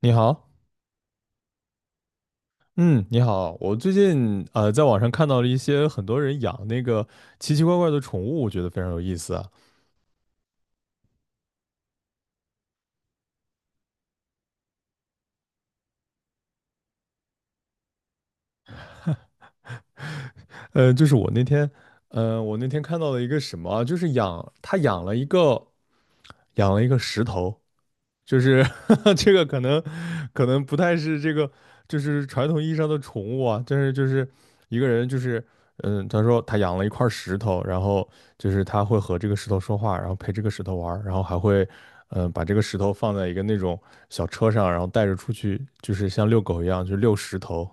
你好，嗯，你好，我最近在网上看到了很多人养那个奇奇怪怪的宠物，我觉得非常有意思啊。就是我那天看到了一个什么啊，就是他养了一个石头，就是 这个可能不太是这个，就是传统意义上的宠物啊，但是就是一个人他说他养了一块石头，然后就是他会和这个石头说话，然后陪这个石头玩儿，然后还会，把这个石头放在一个那种小车上，然后带着出去，就是像遛狗一样，就遛石头。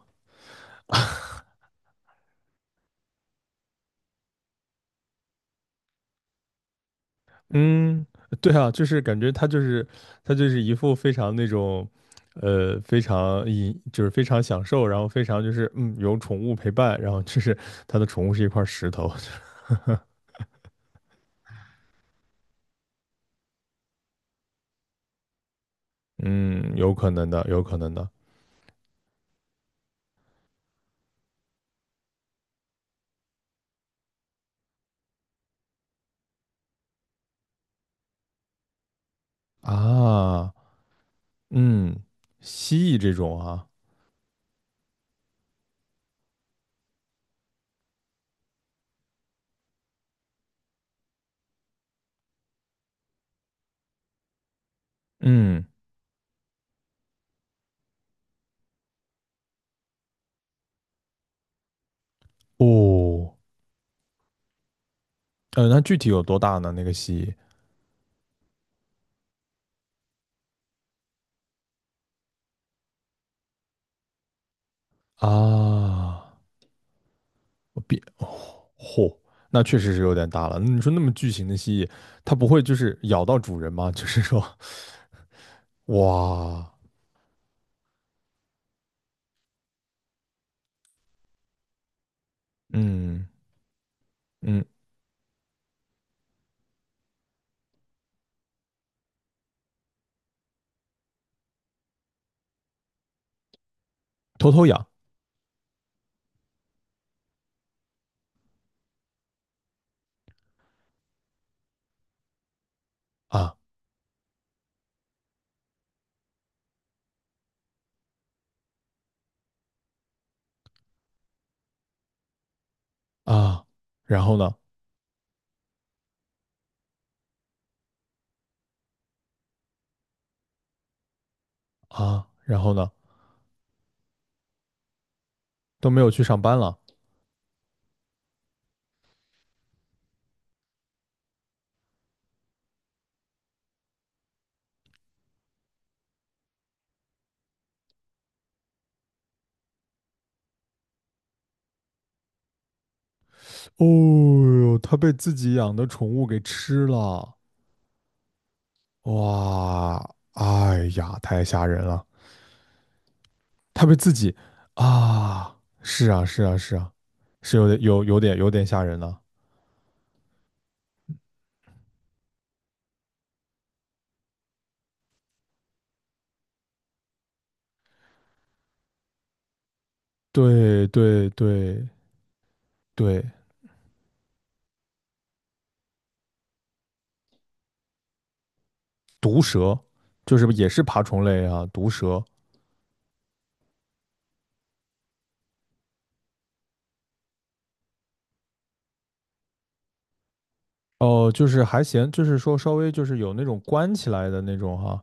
嗯，对啊，就是感觉他就是一副非常那种，呃，非常一就是非常享受，然后非常就是有宠物陪伴，然后就是他的宠物是一块石头。嗯，有可能的，有可能的啊。嗯。蜥蜴这种啊。嗯。哦，那具体有多大呢？那个蜥蜴啊？我变哦。嚯，那确实是有点大了。那你说那么巨型的蜥蜴，它不会就是咬到主人吗？就是说，哇。嗯嗯，偷偷养啊。啊，然后呢？啊，然后呢，都没有去上班了。哦哟，它被自己养的宠物给吃了。哇，哎呀，太吓人了。它被自己啊，是啊是啊是啊，是有点吓人了。对对对对。毒蛇，就是也是爬虫类啊，毒蛇。哦，就是还行，就是说稍微就是有那种关起来的那种哈。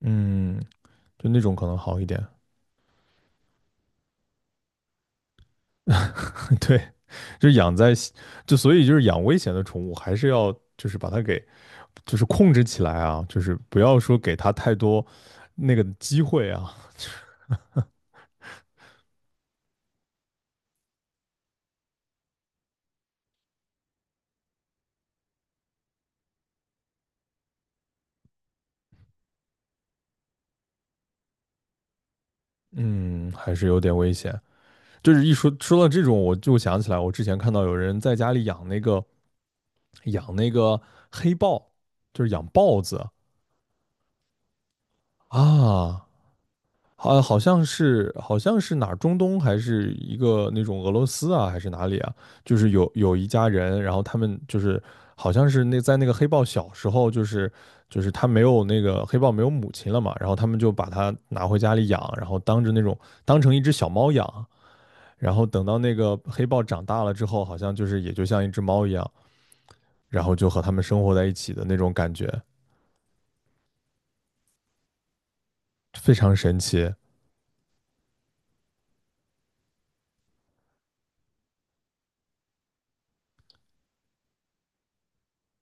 嗯，就那种可能好一点。对，就是养在，就所以就是养危险的宠物，还是要就是把它给就是控制起来啊，就是不要说给它太多那个机会啊。嗯，还是有点危险。就是一说到这种，我就想起来，我之前看到有人在家里养那个黑豹，就是养豹子。啊，好，好像是哪儿中东，还是一个那种俄罗斯啊，还是哪里啊？就是有一家人，然后他们就是好像是那在那个黑豹小时候，就是他没有，那个黑豹没有母亲了嘛，然后他们就把它拿回家里养，然后当着那种当成一只小猫养，然后等到那个黑豹长大了之后，好像就是也就像一只猫一样，然后就和他们生活在一起的那种感觉，非常神奇。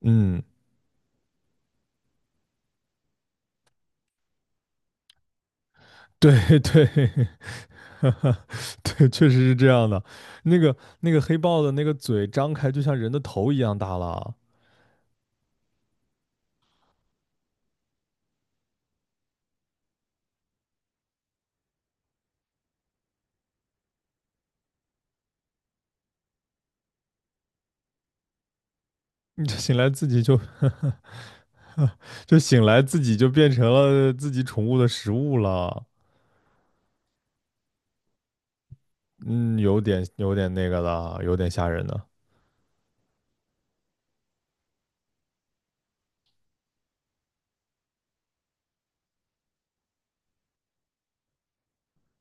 嗯，对 对。对，确实是这样的。那个黑豹的那个嘴张开，就像人的头一样大了啊。你这醒来自己就，就醒来自己就变成了自己宠物的食物了。嗯，有点那个了，有点吓人的。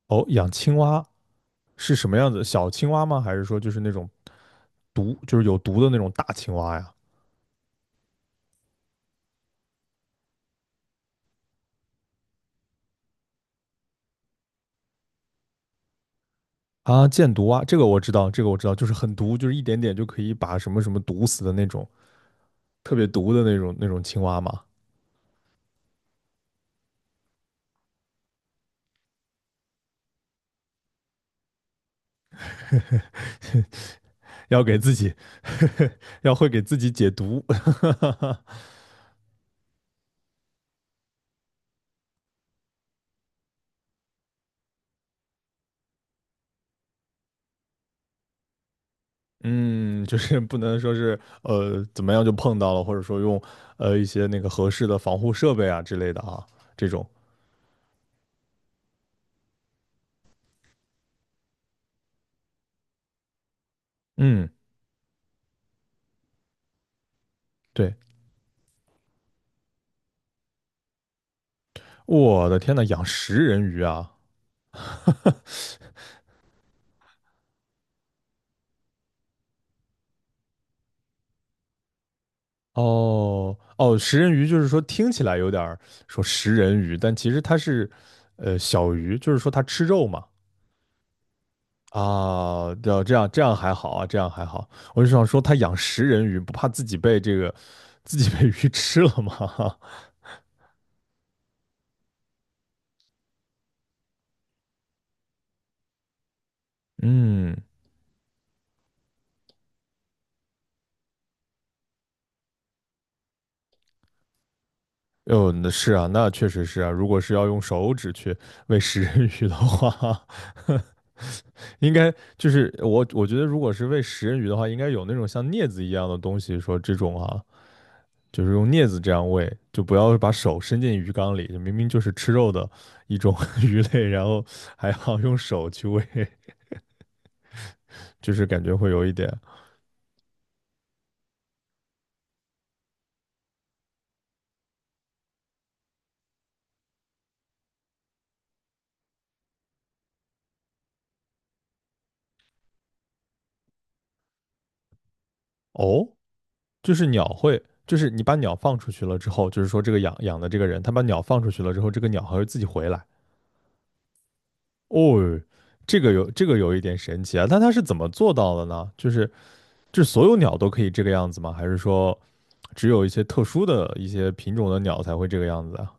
哦，养青蛙是什么样子？小青蛙吗？还是说就是那种就是有毒的那种大青蛙呀？啊，箭毒蛙，这个我知道，这个我知道，就是很毒，就是一点点就可以把什么什么毒死的那种，特别毒的那种青蛙嘛。要给自己呵呵 要会给自己解毒。嗯，就是不能说是怎么样就碰到了，或者说用一些那个合适的防护设备啊之类的啊，这种。嗯，对，我的天呐，养食人鱼啊！哦哦，食人鱼就是说听起来有点儿，说食人鱼，但其实它是小鱼，就是说它吃肉嘛。啊，对，这样还好啊，这样还好。我就想说，他养食人鱼不怕自己被鱼吃了吗？嗯，哦，那是啊，那确实是啊。如果是要用手指去喂食人鱼的话，应该就是我觉得，如果是喂食人鱼的话，应该有那种像镊子一样的东西，说这种啊，就是用镊子这样喂，就不要把手伸进鱼缸里，明明就是吃肉的一种 鱼类，然后还要用手去喂。就是感觉会有一点。哦，就是鸟会，就是你把鸟放出去了之后，就是说这个养的这个人，他把鸟放出去了之后，这个鸟还会自己回来。哦，这个有一点神奇啊，但他是怎么做到的呢？就是所有鸟都可以这个样子吗？还是说只有一些特殊的一些品种的鸟才会这个样子啊？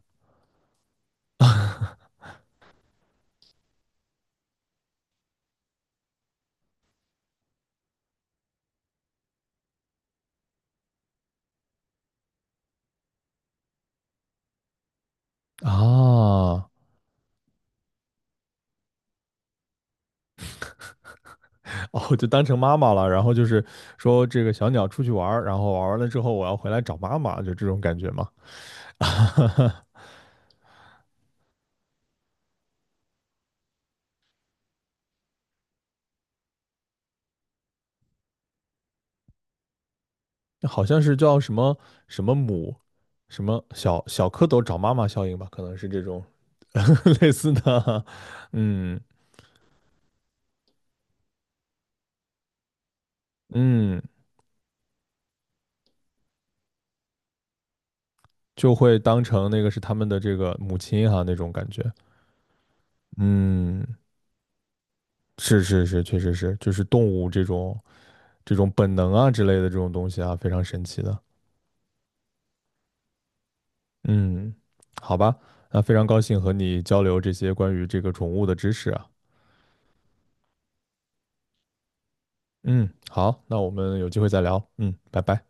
啊，哦，就当成妈妈了，然后就是说这个小鸟出去玩儿，然后玩完了之后我要回来找妈妈，就这种感觉吗？好像是叫什么，什么母，什么小小蝌蚪找妈妈效应吧，可能是这种 类似的。嗯嗯，就会当成那个是他们的这个母亲哈、那种感觉。嗯，是是是，确实是，就是动物这种本能啊之类的这种东西啊，非常神奇的。嗯，好吧，那非常高兴和你交流这些关于这个宠物的知识啊。嗯，好，那我们有机会再聊。嗯，拜拜。